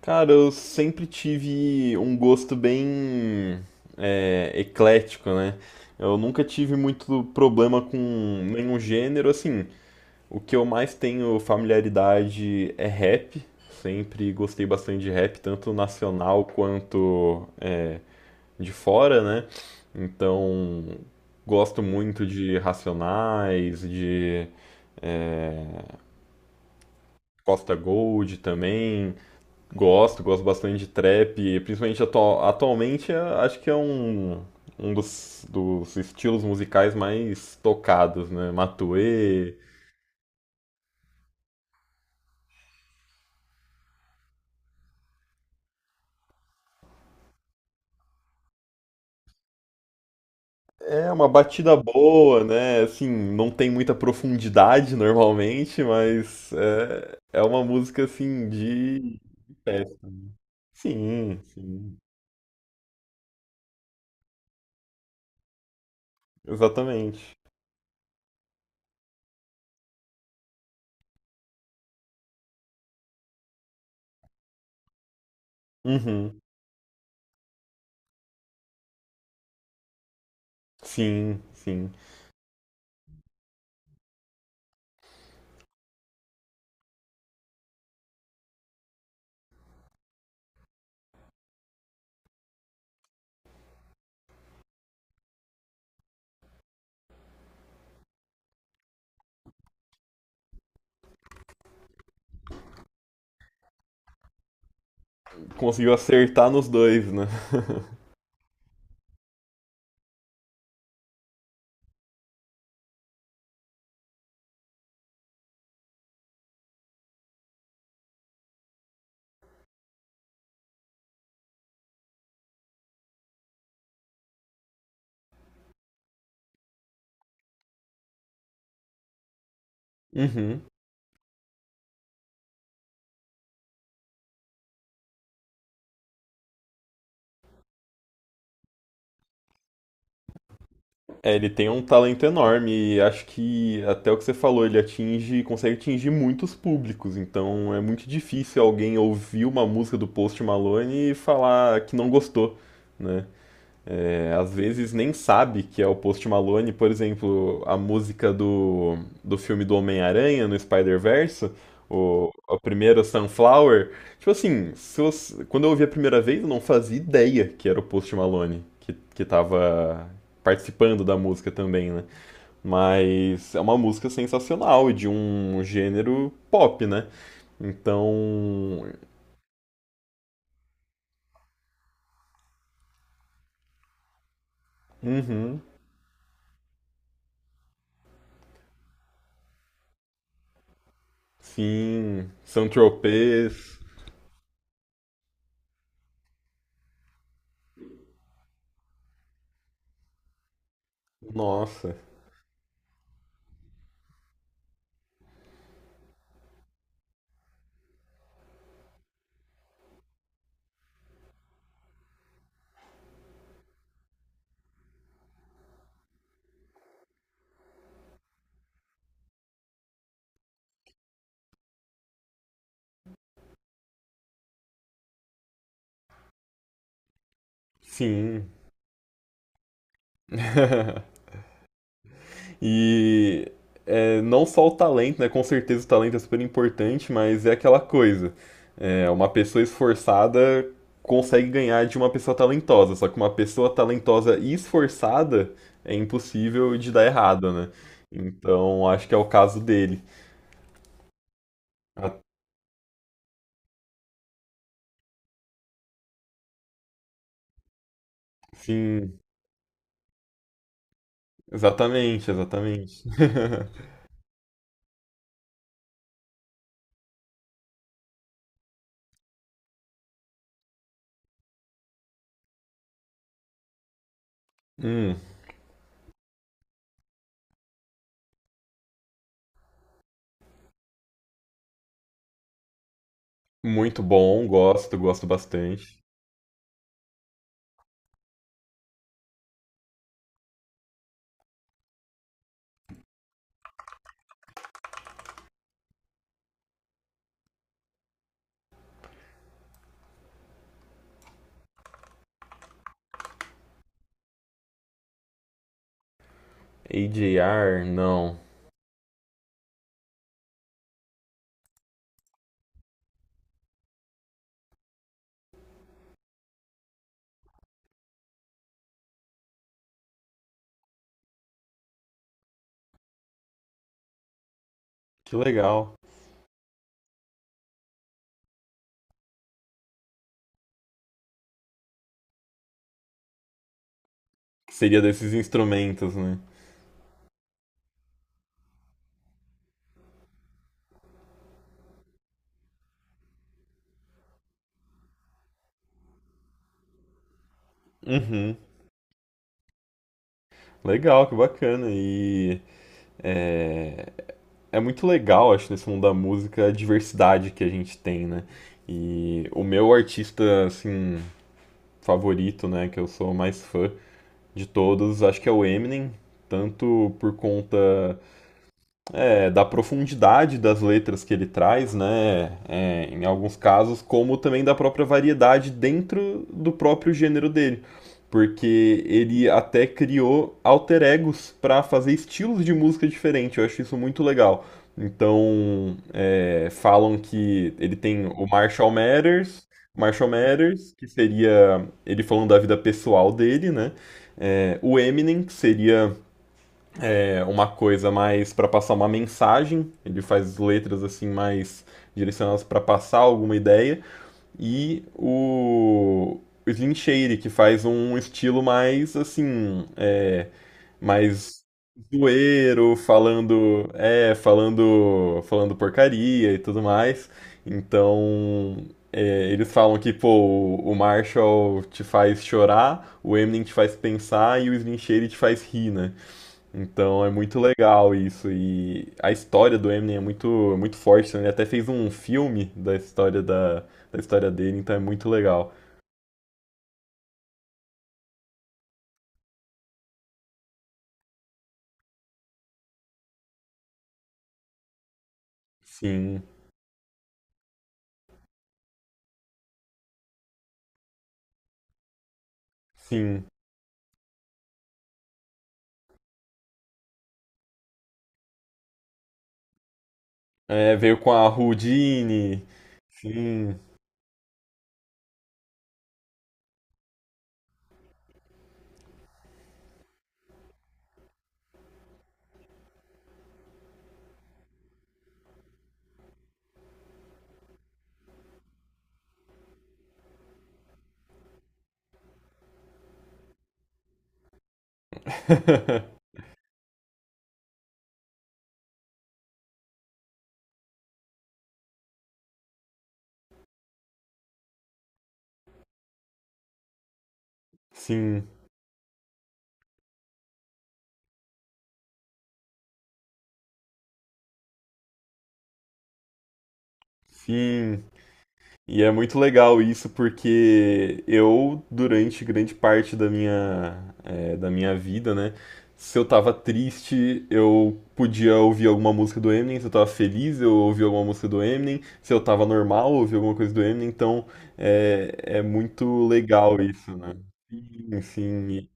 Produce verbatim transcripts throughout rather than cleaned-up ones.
Cara, eu sempre tive um gosto bem é, eclético, né? Eu nunca tive muito problema com nenhum gênero, assim. O que eu mais tenho familiaridade é rap. Sempre gostei bastante de rap, tanto nacional quanto é, de fora, né? Então, gosto muito de Racionais, de é, Costa Gold também. Gosto, gosto bastante de trap, principalmente atu- atualmente é- acho que é um, um dos, dos estilos musicais mais tocados, né? Matuê, é uma batida boa, né? Assim, não tem muita profundidade normalmente, mas é, é uma música assim de é, Sim, sim, exatamente. Uhum, sim, sim. Conseguiu acertar nos dois, né? Uhum. É, ele tem um talento enorme e acho que até o que você falou, ele atinge, consegue atingir muitos públicos, então é muito difícil alguém ouvir uma música do Post Malone e falar que não gostou, né? É, às vezes nem sabe que é o Post Malone, por exemplo, a música do, do filme do Homem-Aranha no Spider-Verse, o, a primeira Sunflower. Tipo assim, se você- quando eu ouvi a primeira vez, eu não fazia ideia que era o Post Malone que, que tava participando da música também, né? Mas é uma música sensacional e de um gênero pop, né? Então, uhum, sim, Saint-Tropez, nossa. Sim. E é, não só o talento, né? Com certeza o talento é super importante, mas é aquela coisa. É, uma pessoa esforçada consegue ganhar de uma pessoa talentosa, só que uma pessoa talentosa e esforçada é impossível de dar errado, né? Então acho que é o caso dele. A- Sim, exatamente, exatamente. Hum, muito bom, gosto, gosto bastante. A J R, não. Que legal. Que seria desses instrumentos, né? Uhum. Legal, que bacana. E é, é muito legal, acho, nesse mundo da música, a diversidade que a gente tem, né? E o meu artista, assim, favorito, né, que eu sou mais fã de todos, acho que é o Eminem, tanto por conta é, da profundidade das letras que ele traz, né? É, em alguns casos, como também da própria variedade dentro do próprio gênero dele. Porque ele até criou alter egos para fazer estilos de música diferente. Eu acho isso muito legal. Então, é, falam que ele tem o Marshall Matters, Marshall Matters, que seria ele falando da vida pessoal dele, né? É, o Eminem, que seria é uma coisa mais para passar uma mensagem, ele faz letras assim mais direcionadas para passar alguma ideia, e o, o Slim Shady, que faz um estilo mais assim, é, mais zoeiro, falando, é, falando, falando porcaria e tudo mais. Então, é, eles falam que, pô, o Marshall te faz chorar, o Eminem te faz pensar e o Slim Shady te faz rir, né? Então é muito legal isso. E a história do Eminem é muito, muito forte. Né? Ele até fez um filme da história da, da história dele, então é muito legal. Sim, sim. É, veio com a Houdini. Sim. Sim, sim. E é muito legal isso porque eu, durante grande parte da minha, é, da minha vida, né? Se eu tava triste, eu podia ouvir alguma música do Eminem. Se eu tava feliz, eu ouvia alguma música do Eminem. Se eu tava normal, eu ouvia alguma coisa do Eminem. Então é, é muito legal isso, né? Sim, sim.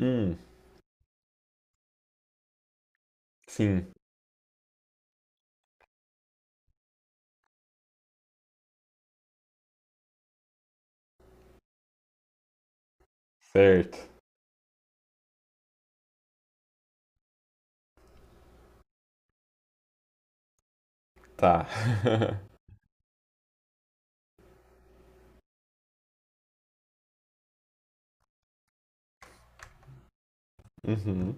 Hum, sim, certo. Tá. Uhum.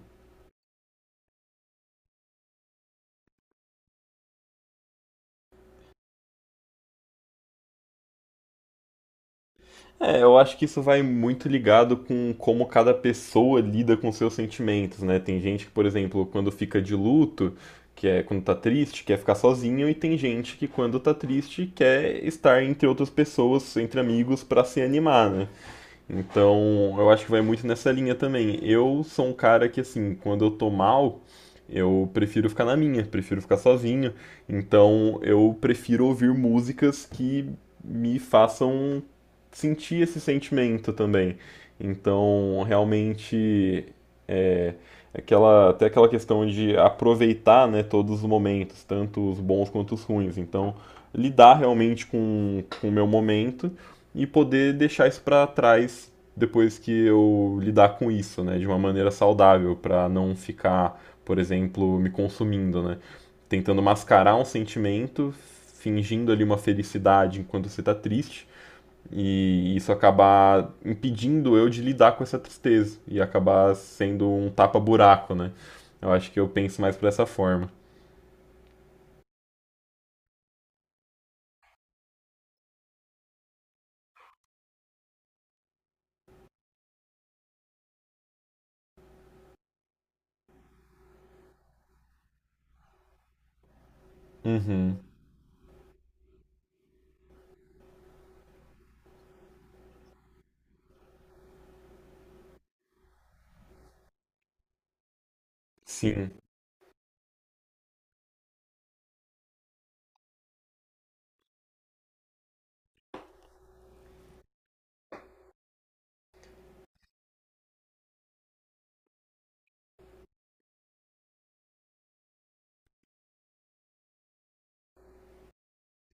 É, eu acho que isso vai muito ligado com como cada pessoa lida com seus sentimentos, né? Tem gente que, por exemplo, quando fica de luto, que é quando tá triste, quer ficar sozinho, e tem gente que, quando tá triste, quer estar entre outras pessoas, entre amigos, pra se animar, né? Então, eu acho que vai muito nessa linha também. Eu sou um cara que, assim, quando eu tô mal, eu prefiro ficar na minha, prefiro ficar sozinho. Então, eu prefiro ouvir músicas que me façam sentir esse sentimento também. Então, realmente, é, é aquela, até aquela questão de aproveitar, né, todos os momentos, tanto os bons quanto os ruins. Então, lidar realmente com, com o meu momento e poder deixar isso para trás depois que eu lidar com isso, né, de uma maneira saudável, para não ficar, por exemplo, me consumindo, né, tentando mascarar um sentimento, fingindo ali uma felicidade enquanto você está triste e isso acabar impedindo eu de lidar com essa tristeza e acabar sendo um tapa-buraco, né? Eu acho que eu penso mais por essa forma. Uhum. Sim,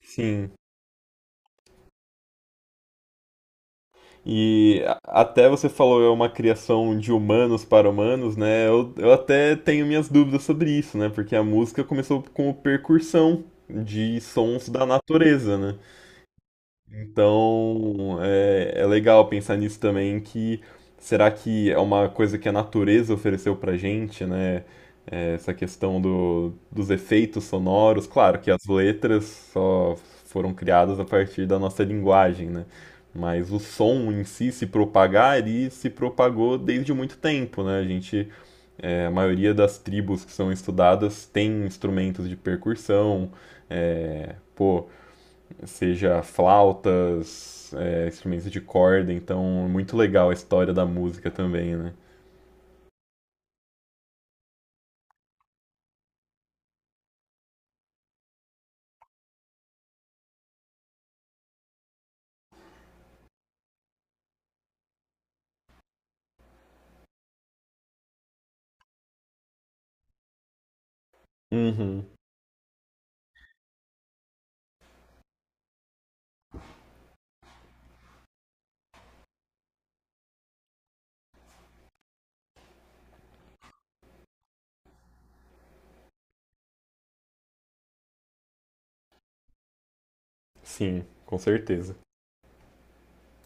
sim. E a- até você falou é uma criação de humanos para humanos, né? Eu, eu até tenho minhas dúvidas sobre isso, né? Porque a música começou com percussão de sons da natureza, né? Então, é, é legal pensar nisso também, que será que é uma coisa que a natureza ofereceu pra gente, né? É, essa questão do, dos efeitos sonoros. Claro que as letras só foram criadas a partir da nossa linguagem, né? Mas o som em si se propagar e se propagou desde muito tempo, né? A gente, é, a maioria das tribos que são estudadas tem instrumentos de percussão, é, pô seja flautas, é, instrumentos de corda, então é muito legal a história da música também, né? Uhum, sim, com certeza.